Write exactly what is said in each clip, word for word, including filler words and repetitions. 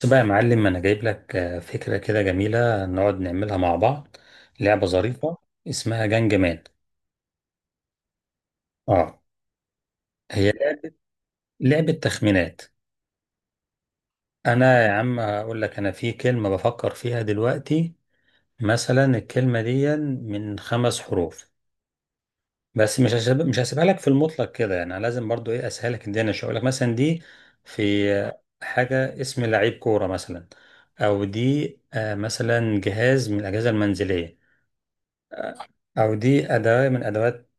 بس بقى يا معلم، انا جايب لك آه، فكره كده جميله نقعد نعملها مع بعض. لعبه ظريفه اسمها جنج مان. اه. هي لعبه تخمينات. انا يا عم هقول لك انا في كلمه بفكر فيها دلوقتي، مثلا الكلمه دي من خمس حروف، بس مش هسيب مش هسيبها لك في المطلق كده. يعني أنا لازم برضو ايه اسهلك الدنيا، مش هقول لك مثلا دي في آه، حاجه اسم لعيب كوره مثلا، او دي آه، مثلا جهاز من الاجهزه المنزليه، أو دي أداة من أدوات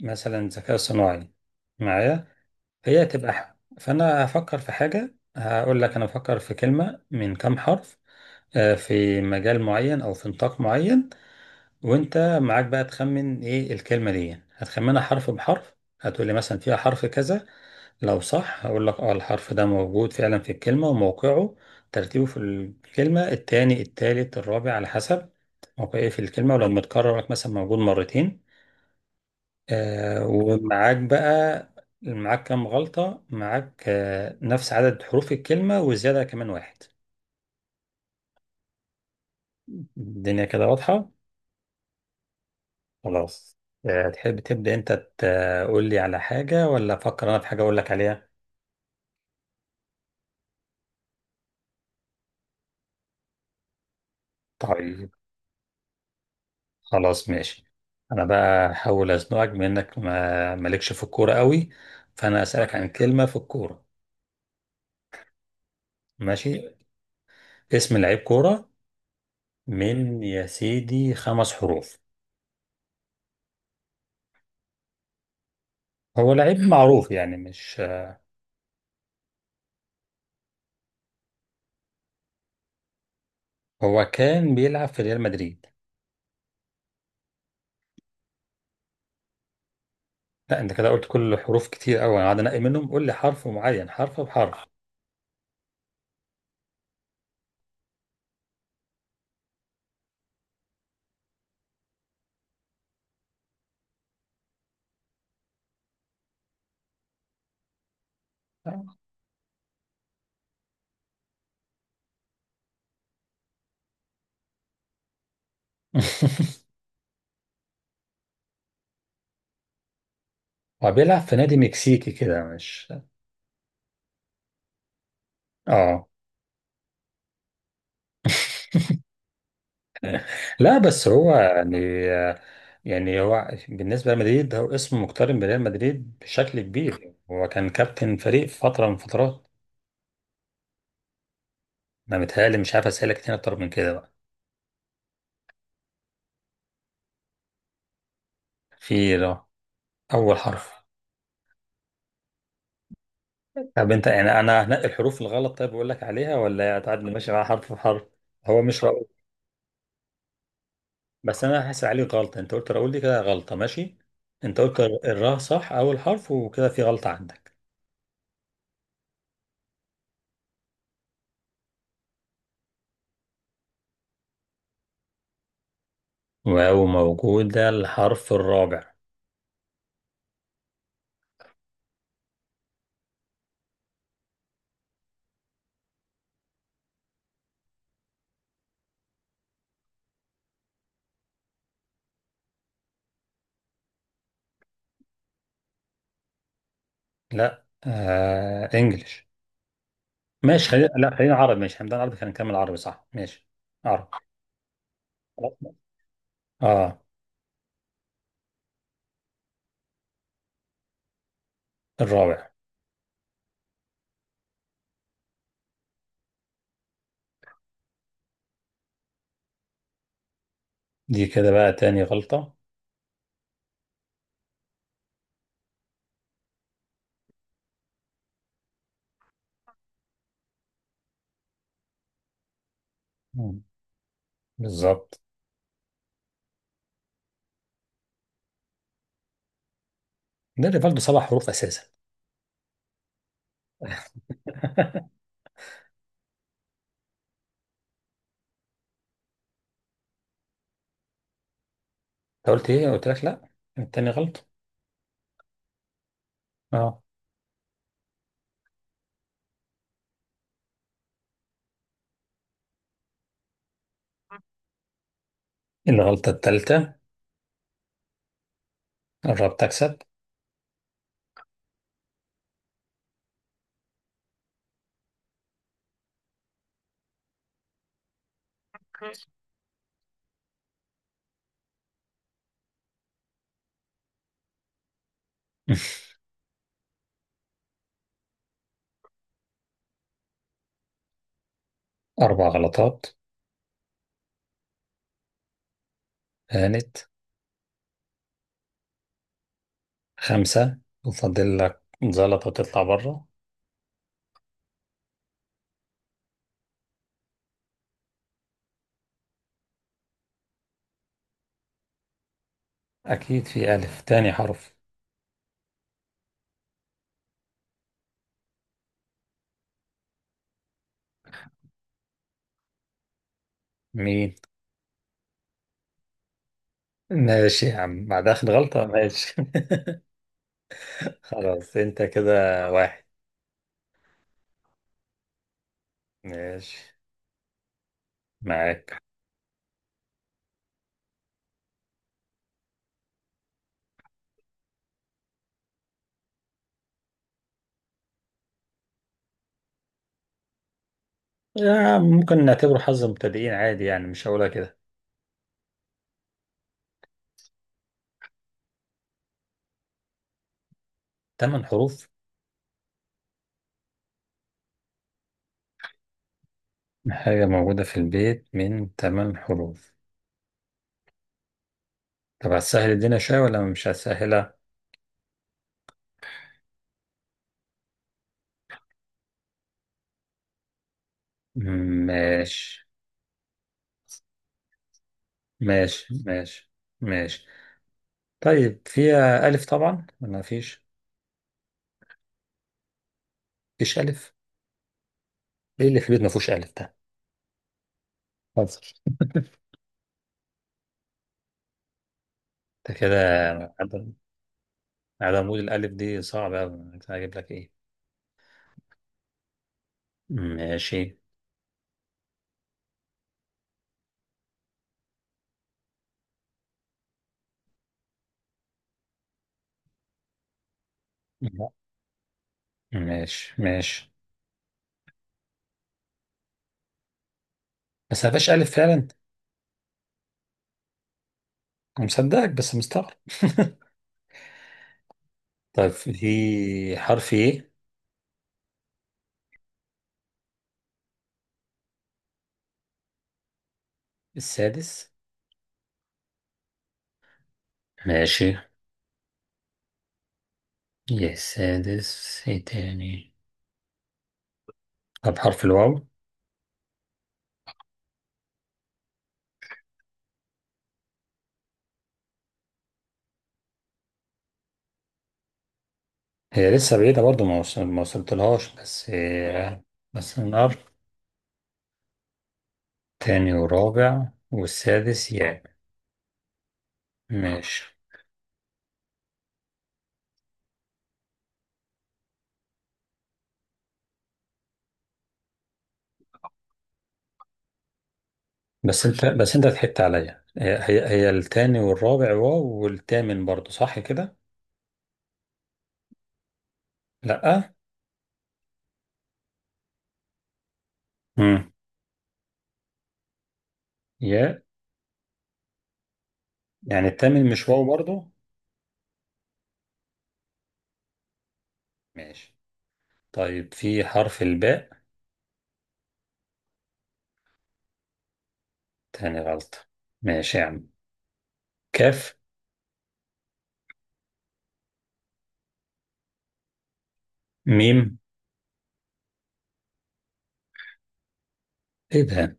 مثلا الذكاء الصناعي معايا. هي هتبقى ح- فأنا هفكر في حاجة، هقول لك أنا بفكر في كلمة من كام حرف، آه، في مجال معين أو في نطاق معين. وأنت معاك بقى تخمن إيه الكلمة دي، هتخمنها حرف بحرف. هتقول لي مثلا فيها حرف كذا، لو صح هقول لك اه الحرف ده موجود فعلا في الكلمة، وموقعه ترتيبه في الكلمة التاني التالت الرابع على حسب موقعه في الكلمة، ولو متكرر لك مثلا موجود مرتين. آه، ومعاك بقى معاك كام غلطة، معاك آه نفس عدد حروف الكلمة وزيادة كمان واحد. الدنيا كده واضحة. خلاص. آه تحب تبدأ أنت، تقول لي على حاجة، ولا أفكر أنا في حاجة أقول لك عليها؟ طيب. خلاص ماشي. أنا بقى هحاول أزنقك بإنك ما مالكش في الكورة قوي، فأنا أسألك عن كلمة في الكورة. ماشي. اسم لعيب كورة من يا سيدي خمس حروف. هو لعيب معروف يعني، مش... هو كان بيلعب في ريال مدريد. لا انت كده قلت كل حروف كتير قوي، انا قاعد انقي منهم. قول لي حرف معين، حرف بحرف. هو بيلعب في نادي مكسيكي كده، مش... اه. لا بس هو يعني، يعني هو بالنسبه لمدريد هو اسمه مقترن بريال مدريد بشكل كبير، هو كان كابتن فريق في فتره من فترات. ما متهيألي، مش عارف اسالك تاني اكتر من كده بقى. في ر-، اول حرف. طب انت يعني انا هنقي الحروف الغلط؟ طيب بقول لك عليها ولا هتقعد ماشي مع حرف بحرف؟ هو مش رأ... بس انا هحاسب عليك غلطه، انت قلت راؤول دي كده غلطه ماشي. انت قلت الراء صح اول حرف، وكده في غلطه عندك. واو موجوده الحرف الرابع. لا آه انجلش. ماشي خلينا، لا خلينا عربي. ماشي هنبدا عربي، خلينا نكمل عربي صح، ماشي. عربي. خلاص. اه. الرابع. دي كده بقى تاني غلطه. مم. بالظبط. ده اللي برضه سبع حروف اساسا. انت قلت ايه، قلت لك لا. التاني غلطه. اه. الغلطه الثالثه. الراب تكسب. اربع غلطات. هانت. خمسة. وفاضل لك زلطة تطلع بره. أكيد في ألف تاني حرف. مين؟ ماشي يا عم، بعد آخر غلطة، ماشي. خلاص أنت كده. واحد. ماشي. معاك. آه، ممكن نعتبره حظ مبتدئين عادي يعني، مش هقولها كده. تمن حروف. حاجة موجودة في البيت من تمن حروف. طب هتسهل الدنيا شوية ولا مش هتسهلها؟ ماشي ماشي. ماشي. ماشي. طيب فيها ألف طبعا ولا مفيش؟ مفيش ألف. ايه اللي في البيت ما فيهوش الف ده؟ حاضر. ده كده عدم عدم وجود الالف دي صعبه قوي، هجيب لك ايه. ماشي. لا. ماشي ماشي. بس ما فيهاش الف فعلا. أنا مصدقك بس مستغرب. طيب في حرف ايه؟ السادس. ماشي. يا السادس ايه تاني. طب حرف الواو. هي لسه بعيدة برضه، ما وصل- ما وصلتلهاش بس. بس نقرب. تاني ورابع والسادس ياء. ماشي. بس انت بس انت ضحكت عليا. هي هي هي التاني والرابع واو، والتامن برضو صح كده. لا. امم. يا. يعني التامن مش واو برضو. ماشي. طيب في حرف الباء. تاني غلطة. ماشي يا عم. كاف. ميم. ايه ده.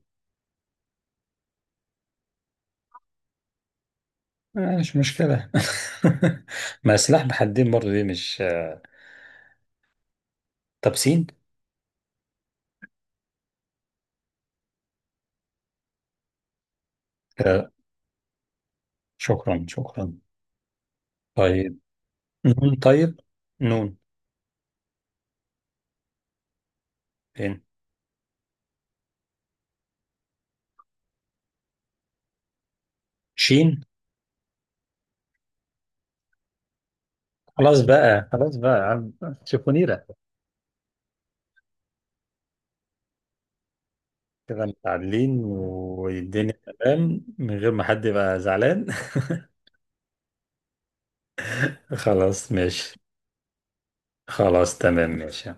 آه، مش مشكلة. ما سلاح بحدين برضو دي، مش... طب سين. كده. شكرا شكرا. طيب. نون طيب. نون. فين. شين. خلاص بقى، خلاص بقى يا عم. شيفونيرة. كده متعادلين والدنيا تمام من غير ما حد يبقى زعلان. خلاص ماشي. خلاص تمام ماشي.